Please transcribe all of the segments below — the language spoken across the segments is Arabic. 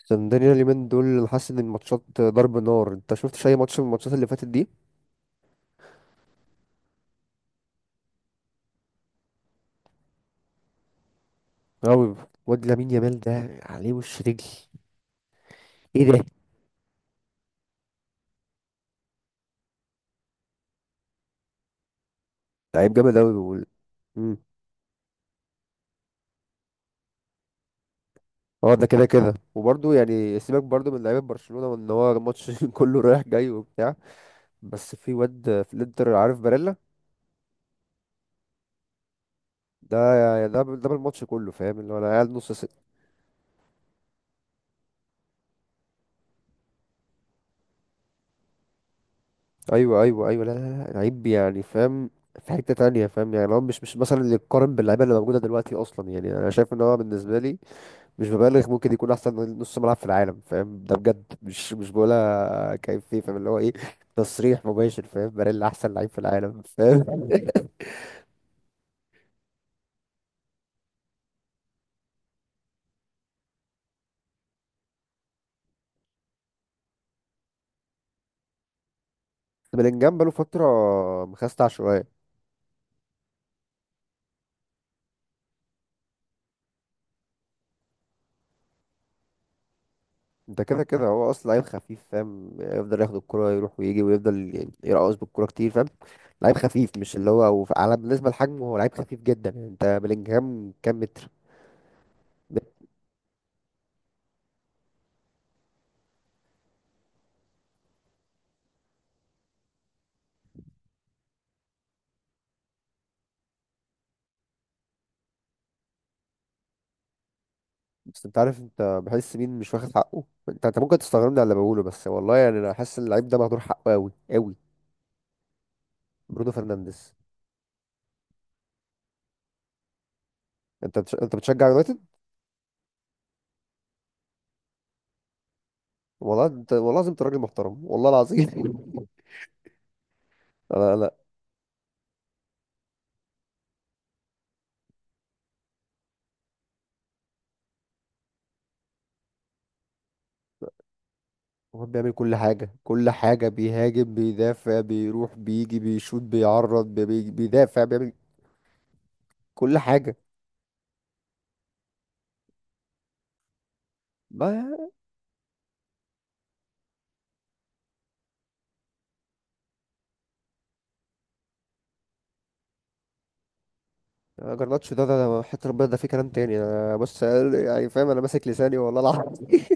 اسكندرية اليومين دول انا حاسس ان الماتشات ضرب نار. انت شفتش اي ماتش من الماتشات اللي فاتت دي؟ اوي. واد لامين يامال ده عليه وش رجل. ايه ده! لعيب جامد اوي مم. اه، ده كده كده. وبرضه يعني سيبك برضه من لعيبه برشلونه، وان هو الماتش كله رايح جاي وبتاع. بس في واد في الانتر عارف؟ باريلا. ده يعني ده بالماتش كله، فاهم؟ اللي هو انا قاعد نص ست. ايوه ايوه ايوه، لا لا لا، لعيب يعني، فاهم؟ في حته تانية، فاهم يعني؟ هو مش مثلا اللي يتقارن باللعيبه اللي موجوده دلوقتي اصلا. يعني انا شايف ان هو بالنسبه لي، مش ببالغ، ممكن يكون احسن نص ملعب في العالم، فاهم؟ ده بجد، مش بقولها كيف فيه، فاهم اللي هو ايه؟ تصريح مباشر، فاهم؟ باريلا احسن لعيب في العالم، فاهم؟ بلينجهام بقاله فتره مخستع شويه. انت كده كده هو اصلا لعيب خفيف، فاهم؟ يفضل ياخد الكرة يروح ويجي، ويفضل يعني يرقص بالكرة كتير، فاهم؟ لعيب خفيف. مش اللي هو على بالنسبه لحجمه هو لعيب خفيف جدا. يعني انت بلينجهام كام متر؟ بس انت عارف انت بحس مين مش واخد حقه؟ انت ممكن تستغربني على اللي بقوله، بس والله يعني انا حاسس ان اللعيب ده مهدور حقه قوي قوي. برونو فرنانديز. انت بتشجع يونايتد؟ والله انت، والله لازم انت راجل محترم، والله العظيم. لا لا. هو بيعمل كل حاجه، كل حاجه، بيهاجم، بيدافع، بيروح، بيجي، بيشوط، بيعرض، بيدافع، بيعمل كل حاجه. ما جرناتشو ده ده حتى ربنا، ده في كلام تاني. انا بص يعني فاهم، انا ماسك لساني والله العظيم.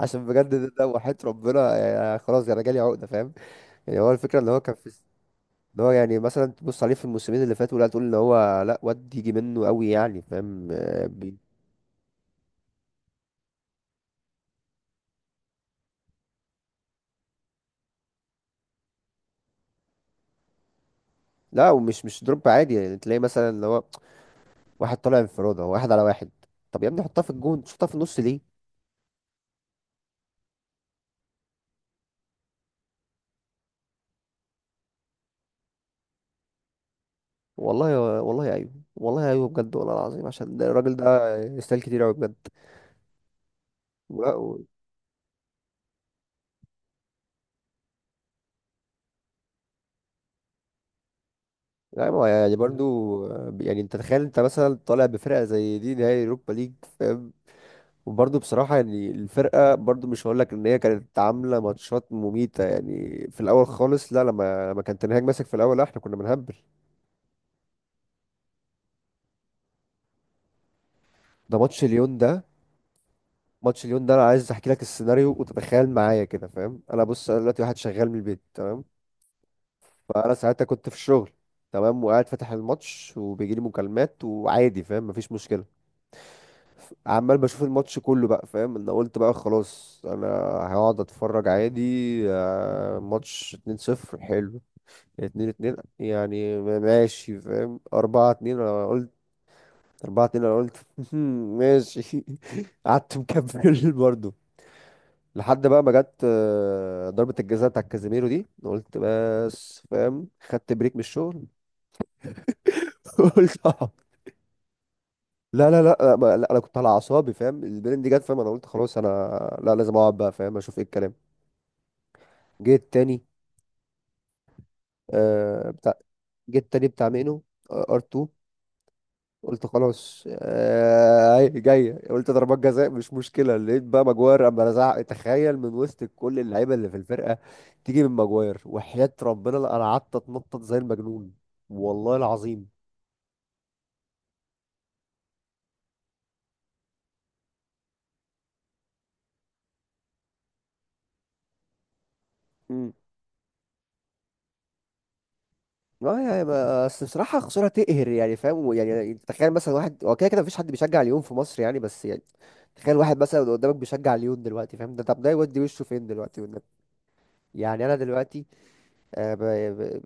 عشان بجد ده، ده وحياة ربنا، يعني خلاص انا جالي عقده، فاهم؟ يعني هو الفكره ان هو كان في اللي هو، يعني مثلا تبص عليه في الموسمين اللي فاتوا، لا تقول ان هو لا، واد يجي منه قوي يعني، فاهم؟ آه، لا، ومش مش دروب عادي، يعني تلاقي مثلا اللي هو واحد طالع انفرادة واحد على واحد. طب يا ابني حطها في الجون، شوطها في النص ليه؟ والله والله، ايوه والله، ايوه بجد، والله العظيم، عشان ده الراجل ده يستاهل كتير قوي بجد. ولا و... لا ما هو يعني برضو، آه، يعني انت تخيل انت مثلا طالع بفرقة زي دي نهائي اوروبا ليج، فاهم؟ وبرضه بصراحة يعني الفرقة برضه مش هقول لك إن هي كانت عاملة ماتشات مميتة يعني في الأول خالص. لا، لما كان تنهاج ماسك في الأول، لا إحنا كنا بنهبل. ده ماتش ليون ده. ماتش ليون ده أنا عايز أحكي لك السيناريو وتتخيل معايا كده، فاهم؟ أنا بص، أنا دلوقتي واحد شغال من البيت، تمام. فأنا ساعتها كنت في الشغل، تمام، وقاعد فاتح الماتش، وبيجيلي مكالمات وعادي، فاهم؟ مفيش مشكلة. عمال بشوف الماتش كله بقى، فاهم؟ انا قلت بقى خلاص انا هقعد اتفرج عادي. آه، ماتش 2-0 حلو. اتنين اتنين يعني ماشي، فاهم؟ أربعة اتنين أنا قلت، أربعة اتنين أنا قلت، ماشي. قعدت مكمل برضه، لحد بقى ما جت، آه، ضربة الجزاء بتاع كازيميرو دي. أنا قلت بس، فاهم؟ خدت بريك من الشغل. قلت أقعد. لا لا لا لا، انا كنت على اعصابي، فاهم؟ البرين دي جت، فاهم؟ انا قلت خلاص انا لا، لازم اقعد بقى، فاهم؟ اشوف ايه الكلام. جيت تاني، آه، بتاع، جيت تاني بتاع مينو ار2. قلت خلاص آه، هي جايه، قلت ضربات جزاء مش مشكله. لقيت بقى ماجواير اما لزعق! تخيل من وسط كل اللعيبه اللي في الفرقه تيجي من ماجواير، وحياه ربنا لا، انا قعدت اتنطط زي المجنون، والله العظيم. امم، اه يعني بس بصراحه خساره تقهر يعني، فاهم؟ يعني تخيل مثلا واحد، هو كده كده مفيش حد بيشجع ليون في مصر يعني، بس يعني تخيل واحد مثلا قدامك بيشجع ليون دلوقتي، فاهم ده؟ طب ده يودي وشه فين دلوقتي والنبي؟ يعني انا دلوقتي آه، ب- ب-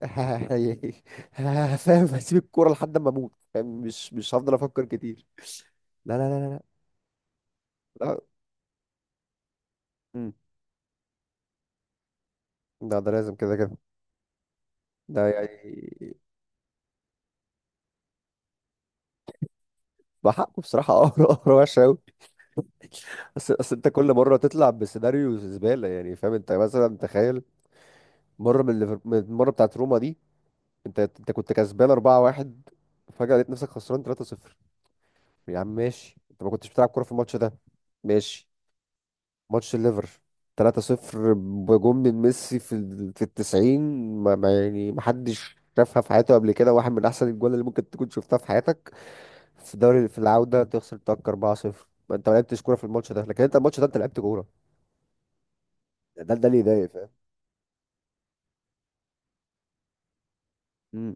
ب- فاهم؟ هسيب الكوره لحد ما اموت، فاهم؟ مش هفضل افكر كتير. لا لا لا. مم. لا، ده لازم كده كده. ده يعني بحقه بصراحه قهر، قهر وحش قوي. اصل انت كل مره تطلع بسيناريو زباله يعني، فاهم؟ انت مثلا تخيل مره من من المره بتاعت روما دي، انت كنت كسبان 4-1، فجاه لقيت نفسك خسران 3-0. يا عم ماشي، انت ما كنتش بتلعب كوره في الماتش ده، ماشي. ماتش الليفر 3-0 بجون من ميسي في في التسعين. ما يعني ما حدش شافها في حياته قبل كده، واحد من احسن الجوال اللي ممكن تكون شفتها في حياتك. في دوري في العودة تخسر تاك 4-0؟ ما انت ما لعبتش كورة في الماتش ده، لكن انت الماتش ده انت لعبت كورة. ده اللي يضايق، فاهم؟ امم.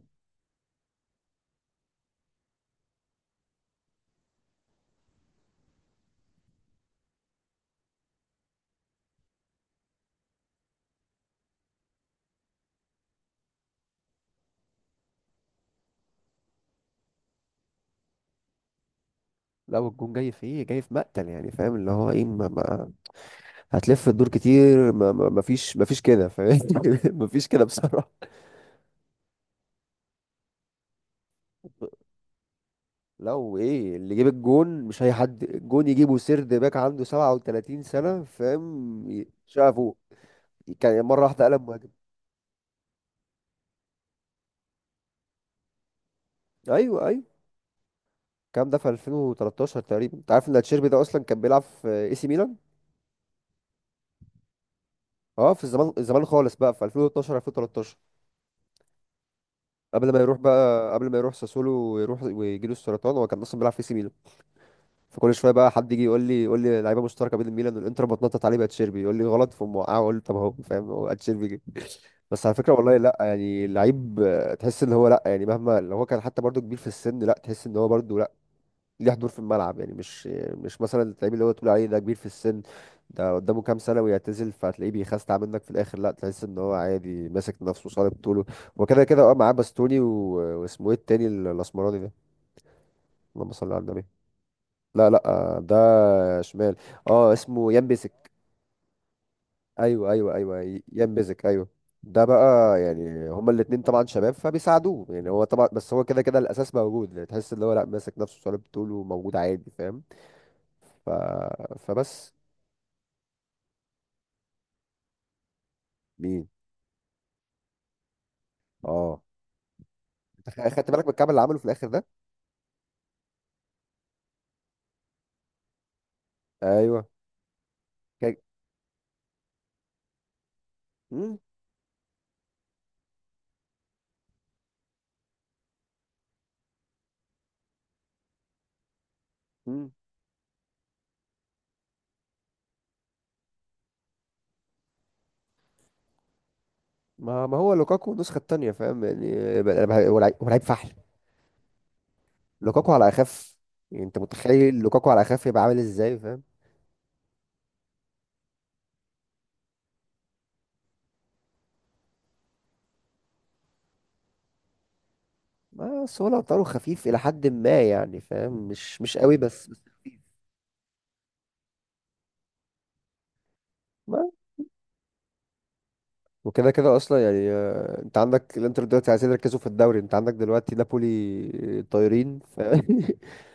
لا، والجون جاي في ايه، جاي في مقتل يعني، فاهم اللي هو ايه؟ ما هتلف الدور كتير، ما فيش، ما فيش كده، فاهم؟ ما فيش كده بصراحة. لو ايه اللي جيب الجون؟ مش اي حد الجون يجيبه سيرد باك عنده 37 سنة، فاهم؟ شافه كان مرة واحدة قلب مهاجم. ايوه ايوه. الكلام ده في 2013 تقريبا. انت عارف ان تشيربي ده اصلا كان بيلعب في اي سي ميلان؟ اه، في الزمان خالص بقى في 2012، 2013، قبل ما يروح بقى، قبل ما يروح ساسولو ويروح ويجي له السرطان، هو كان اصلا بيلعب في اي سي ميلان. فكل شويه بقى حد يجي يقول لي، يقول لي لعيبه مشتركه بين الميلان والانتر بتنطط عليه بقى، تشيربي يقول لي غلط فموقعه، اقول له طب اهو، فاهم؟ هو تشيربي بس، على فكره والله، لا يعني لعيب، آه، تحس ان هو لا يعني، مهما لو هو كان حتى برضو كبير في السن، لا تحس ان هو برضو لا، ليه حضور في الملعب يعني. مش مثلا اللعيب اللي هو تقول عليه ده كبير في السن ده قدامه كام سنه ويعتزل، فهتلاقيه بيخستع منك في الاخر، لا، تحس ان هو عادي ماسك نفسه صلب طوله، وكده كده اه معاه باستوني واسمه ايه التاني الاسمراني ده، اللهم صل على النبي. لا لا آه، ده شمال. اه اسمه يان. ايوه ايوه ايوه ينبذك، ايوه. ده بقى يعني، هما الاتنين طبعا شباب فبيساعدوه، يعني هو طبعا، بس هو كده كده الاساس موجود، يعني تحس ان هو لا ماسك نفسه صليب طوله، موجود عادي، فاهم؟ ف... فبس. مين؟ اه. خدت بالك من الكعب اللي عمله في الاخر ده؟ ايوه. كان- مم، مم. ما هو لوكاكو النسخه التانيه، فاهم يعني؟ هو لعيب، هو لعيب فحل. لوكاكو على اخف، يعني انت متخيل لوكاكو على اخف يبقى عامل ازاي، فاهم؟ بس هو لو طاره خفيف الى حد ما يعني، فاهم؟ مش قوي بس. وكده كده اصلا يعني، آه، انت عندك الانتر دلوقتي عايزين يركزوا في الدوري، انت عندك دلوقتي نابولي طايرين. ف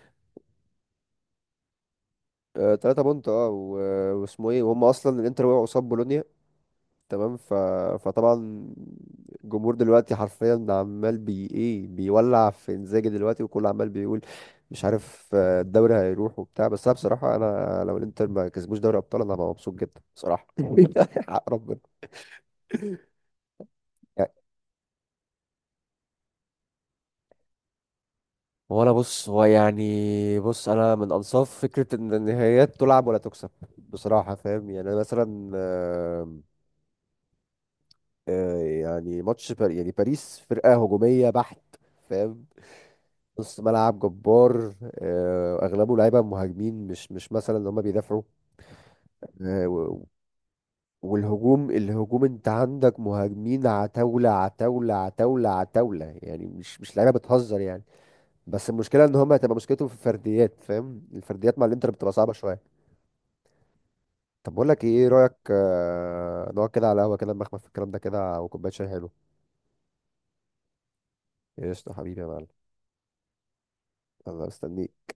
آه، تلاتة بونت، اه، واسمه ايه، وهم اصلا الانتر وقعوا قصاد بولونيا، تمام. فطبعا الجمهور دلوقتي حرفيا عمال بي ايه، بيولع في انزاجي دلوقتي، وكله عمال بيقول مش عارف، آه، الدوري هيروح وبتاع. بس انا بصراحة انا لو الانتر ما كسبوش دوري ابطال انا هبقى مبسوط جدا بصراحة. حق ربنا. هو انا بص، هو يعني، بص انا من انصاف فكره ان النهائيات تلعب ولا تكسب بصراحه، فاهم؟ يعني انا مثلا، آه، آه، يعني ماتش بار يعني باريس فرقه هجوميه بحت، فاهم؟ نص ملعب جبار، آه، اغلبه لعيبه مهاجمين، مش مثلا ان هم بيدافعوا. آه، والهجوم، الهجوم انت عندك مهاجمين عتاوله عتاوله عتاوله عتاوله، يعني مش لعيبه بتهزر يعني. بس المشكله ان هم، هتبقى مشكلتهم في الفرديات، فاهم؟ الفرديات مع الانتر بتبقى صعبه شويه. طب بقول لك ايه، إيه رايك آه، نقعد كده على قهوه كده، نمخمخ في الكلام ده كده، وكوبايه شاي حلو. قشطه حبيبي يا معلم. انا مستنيك.